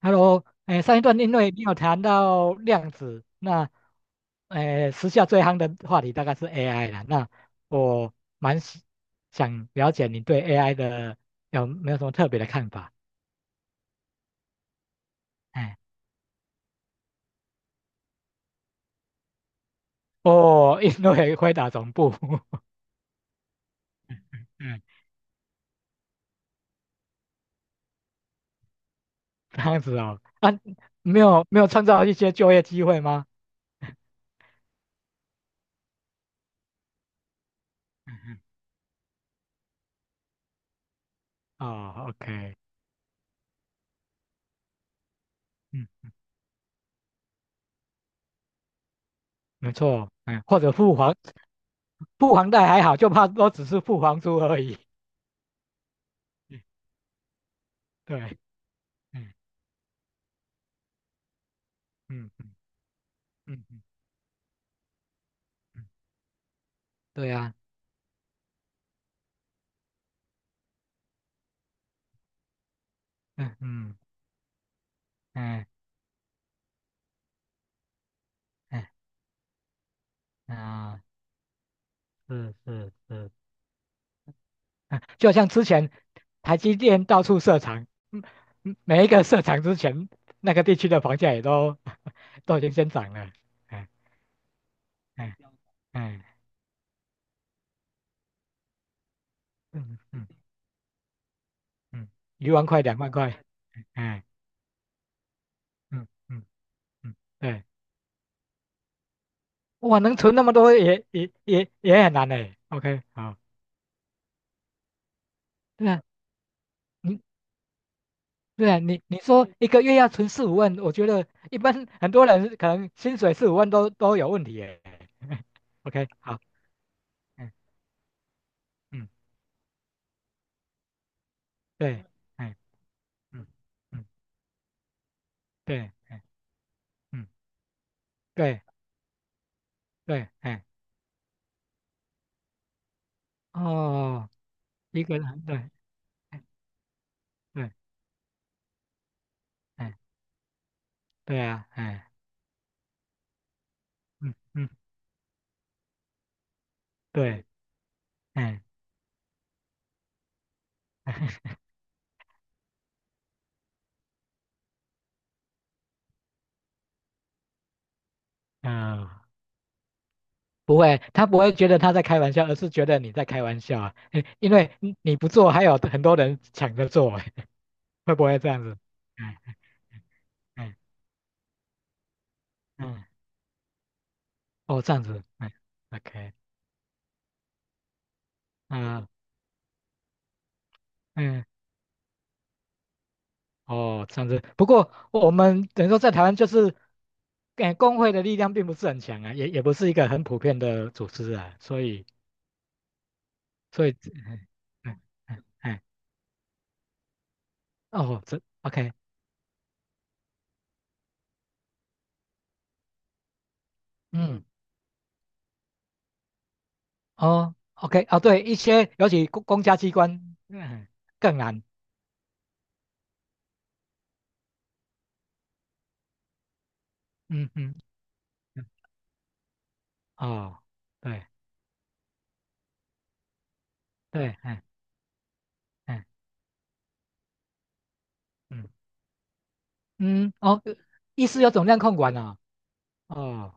Hello，哎，上一段因为你有谈到量子，那，哎，时下最夯的话题大概是 AI 了。那我蛮喜想了解你对 AI 的有没有什么特别的看法？哎，哦，因为回答总部，嗯，这样子哦，啊，没有没有创造一些就业机会吗？嗯嗯，哦，OK，嗯，没错，嗯，或者付房贷还好，就怕都只是付房租而已。嗯对，嗯嗯。嗯嗯嗯，对呀、嗯嗯嗯嗯啊，是是是，嗯就像之前台积电到处设厂，嗯，嗯每一个设厂之前，那个地区的房价也都 都已经先涨了，哎哎哎，嗯嗯嗯，一万块两万块，哎嗯嗯嗯，对，哇，能存那么多也很难嘞，OK，好，对啊，你对啊，你说一个月要存四五万，我觉得一般很多人可能薪水四五万都有问题耶。OK，好，嗯嗯，对，哎嗯嗯对，哎嗯对对，哎哦，一个人对，哎对，哎对啊，哎嗯嗯对，哎 嗯、呃不会，他不会觉得他在开玩笑，而是觉得你在开玩笑啊，哎因为你不做，还有很多人抢着做，哎会不会这样子？嗯嗯。嗯，哦，这样子，哎，OK，嗯嗯，哦，这样子。不过我们等于说在台湾就是，哎，工会的力量并不是很强啊，也不是一个很普遍的组织啊，所以所以，哎哎哎，哎哦，这 OK，嗯，哦，OK，哦，对，一些尤其公家机关，嗯，更难，嗯嗯，嗯哦，对对，哎哎嗯嗯，哦，意思有总量控管啊，哦。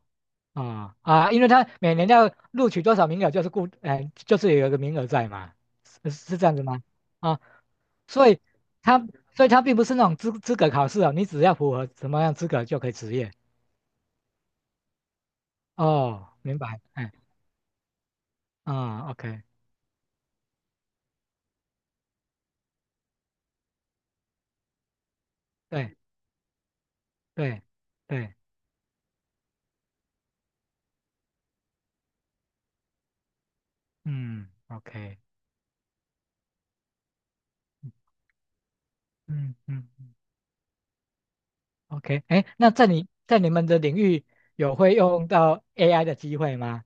啊啊，因为他每年要录取多少名额，就是固，哎、就是有一个名额在嘛，是是这样子吗？啊，所以他并不是那种资格考试哦，你只要符合什么样资格就可以执业。哦，明白，哎，啊，OK，对对对，嗯，OK，嗯嗯嗯，OK，哎，那在你在你们的领域有会用到 AI 的机会吗？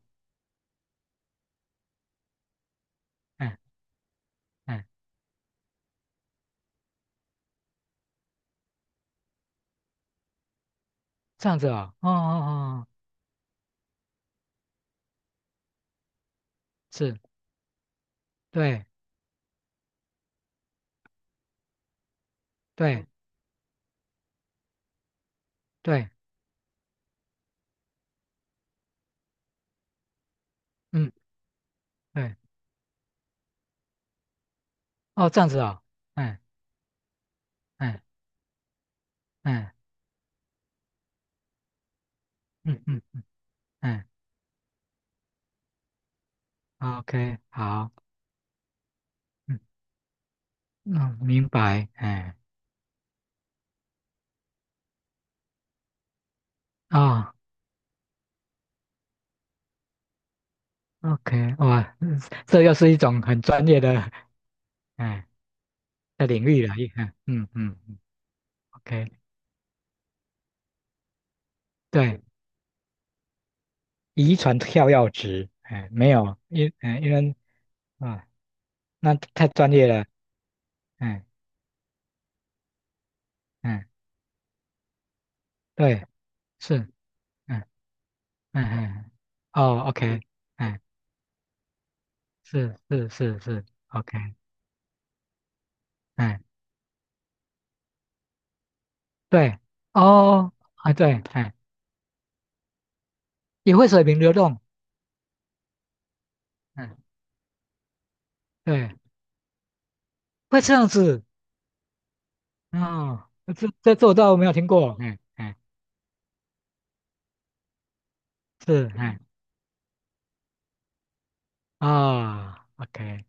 嗯嗯，这样子哦，哦哦哦，是，对对对。嗯，对，哦，这样子哦，嗯嗯，嗯嗯嗯嗯 o k 好，嗯嗯，明白，哎，哦，OK，哇，嗯这又是一种很专业的哎的领域了，一嗯嗯嗯嗯，OK，对，遗传跳跃值，哎，没有，因为啊，那太专业了，哎哎，对，是，嗯嗯嗯，哎哦，OK，哎，是是是是，OK，哎。对，哦，啊对，哎，也会水平流动，嗯，对，会这样子，哦，这我倒没有听过，哎哎，是，哎，啊，OK，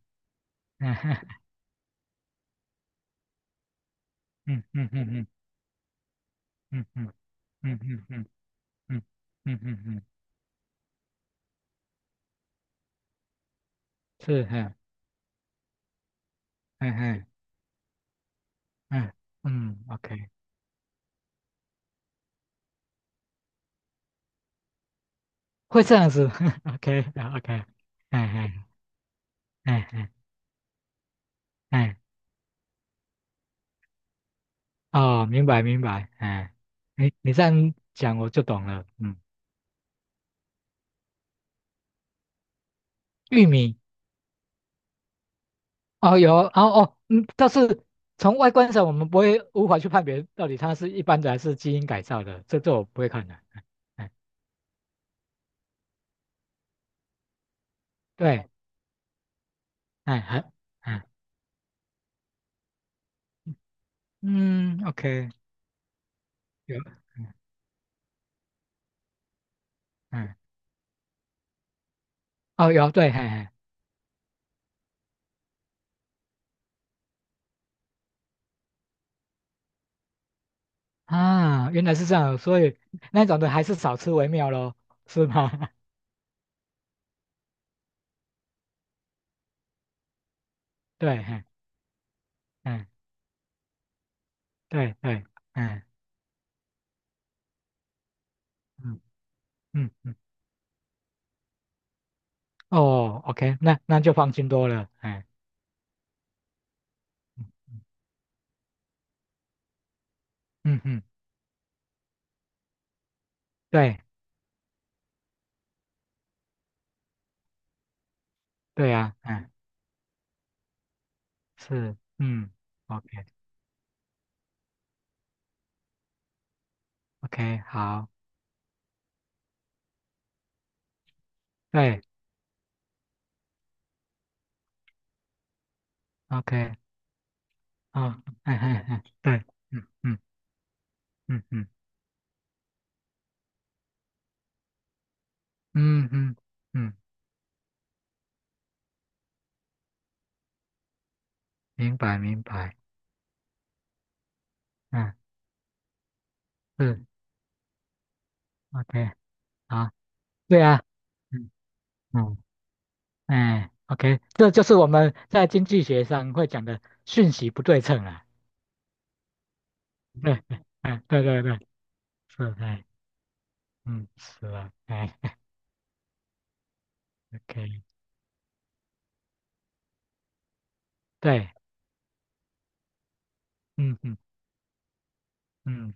嗯嗯嗯嗯嗯嗯嗯嗯嗯嗯嗯嗯嗯，嗯是，哎哎哎哎，嗯，OK，会这样子 ，OK 啊 OK，哎哎哎哎哎，哦，明白明白，哎，你这样讲我就懂了，嗯，玉米。哦，有哦，哦，嗯，但是从外观上，我们不会无法去判别到底它是一般的还是基因改造的，这我不会看的。哎，哎对，哎，还，哎，嗯，OK，有，嗯，哦，有，对，嘿嘿，啊，原来是这样，所以那种的还是少吃为妙咯，是吗？对，嘿，嗯，对对，嗯嗯嗯嗯，哦，OK，那就放心多了，哎，嗯嗯，嗯嗯对对啊，嗯，是，嗯。OK OK，好，对，OK，哦，哎哎哎，对，嗯嗯嗯嗯嗯嗯嗯，明白明白，嗯是，OK，好，对啊，嗯嗯，哎，OK，这就是我们在经济学上会讲的讯息不对称啊，对，哎，对对对，是，哎，嗯，是啊，哎，OK，对，嗯嗯嗯，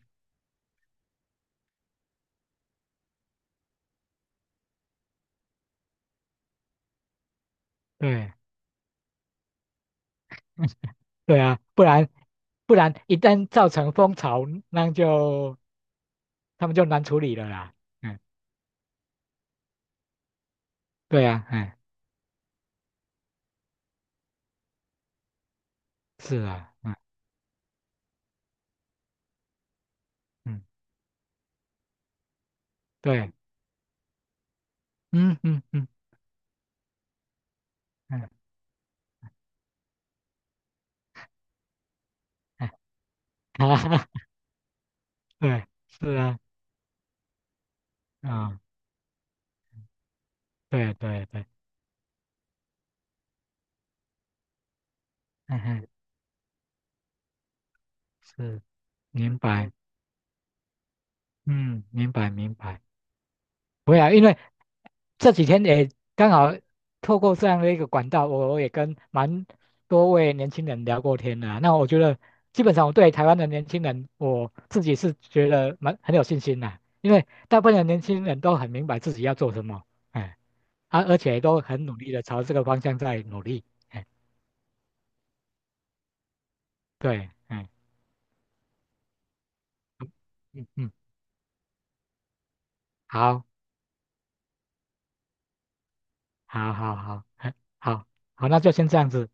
对对啊，不然一旦造成风潮，那就。他们就难处理了啦。嗯，对啊，哎，是啊，嗯嗯，对，嗯嗯嗯嗯，哎，好，对，是啊，啊、对对对，嗯嗯，是，明白，嗯，明白明白。不要，因为这几天也刚好透过这样的一个管道，我也跟蛮多位年轻人聊过天的啊那我觉得，基本上我对台湾的年轻人，我自己是觉得蛮很有信心的，因为大部分的年轻人都很明白自己要做什么。哎，啊，而且都很努力的朝这个方向在努力。哎，对，哎，嗯嗯，好，好，好，好，哎，好，好，那就先这样子。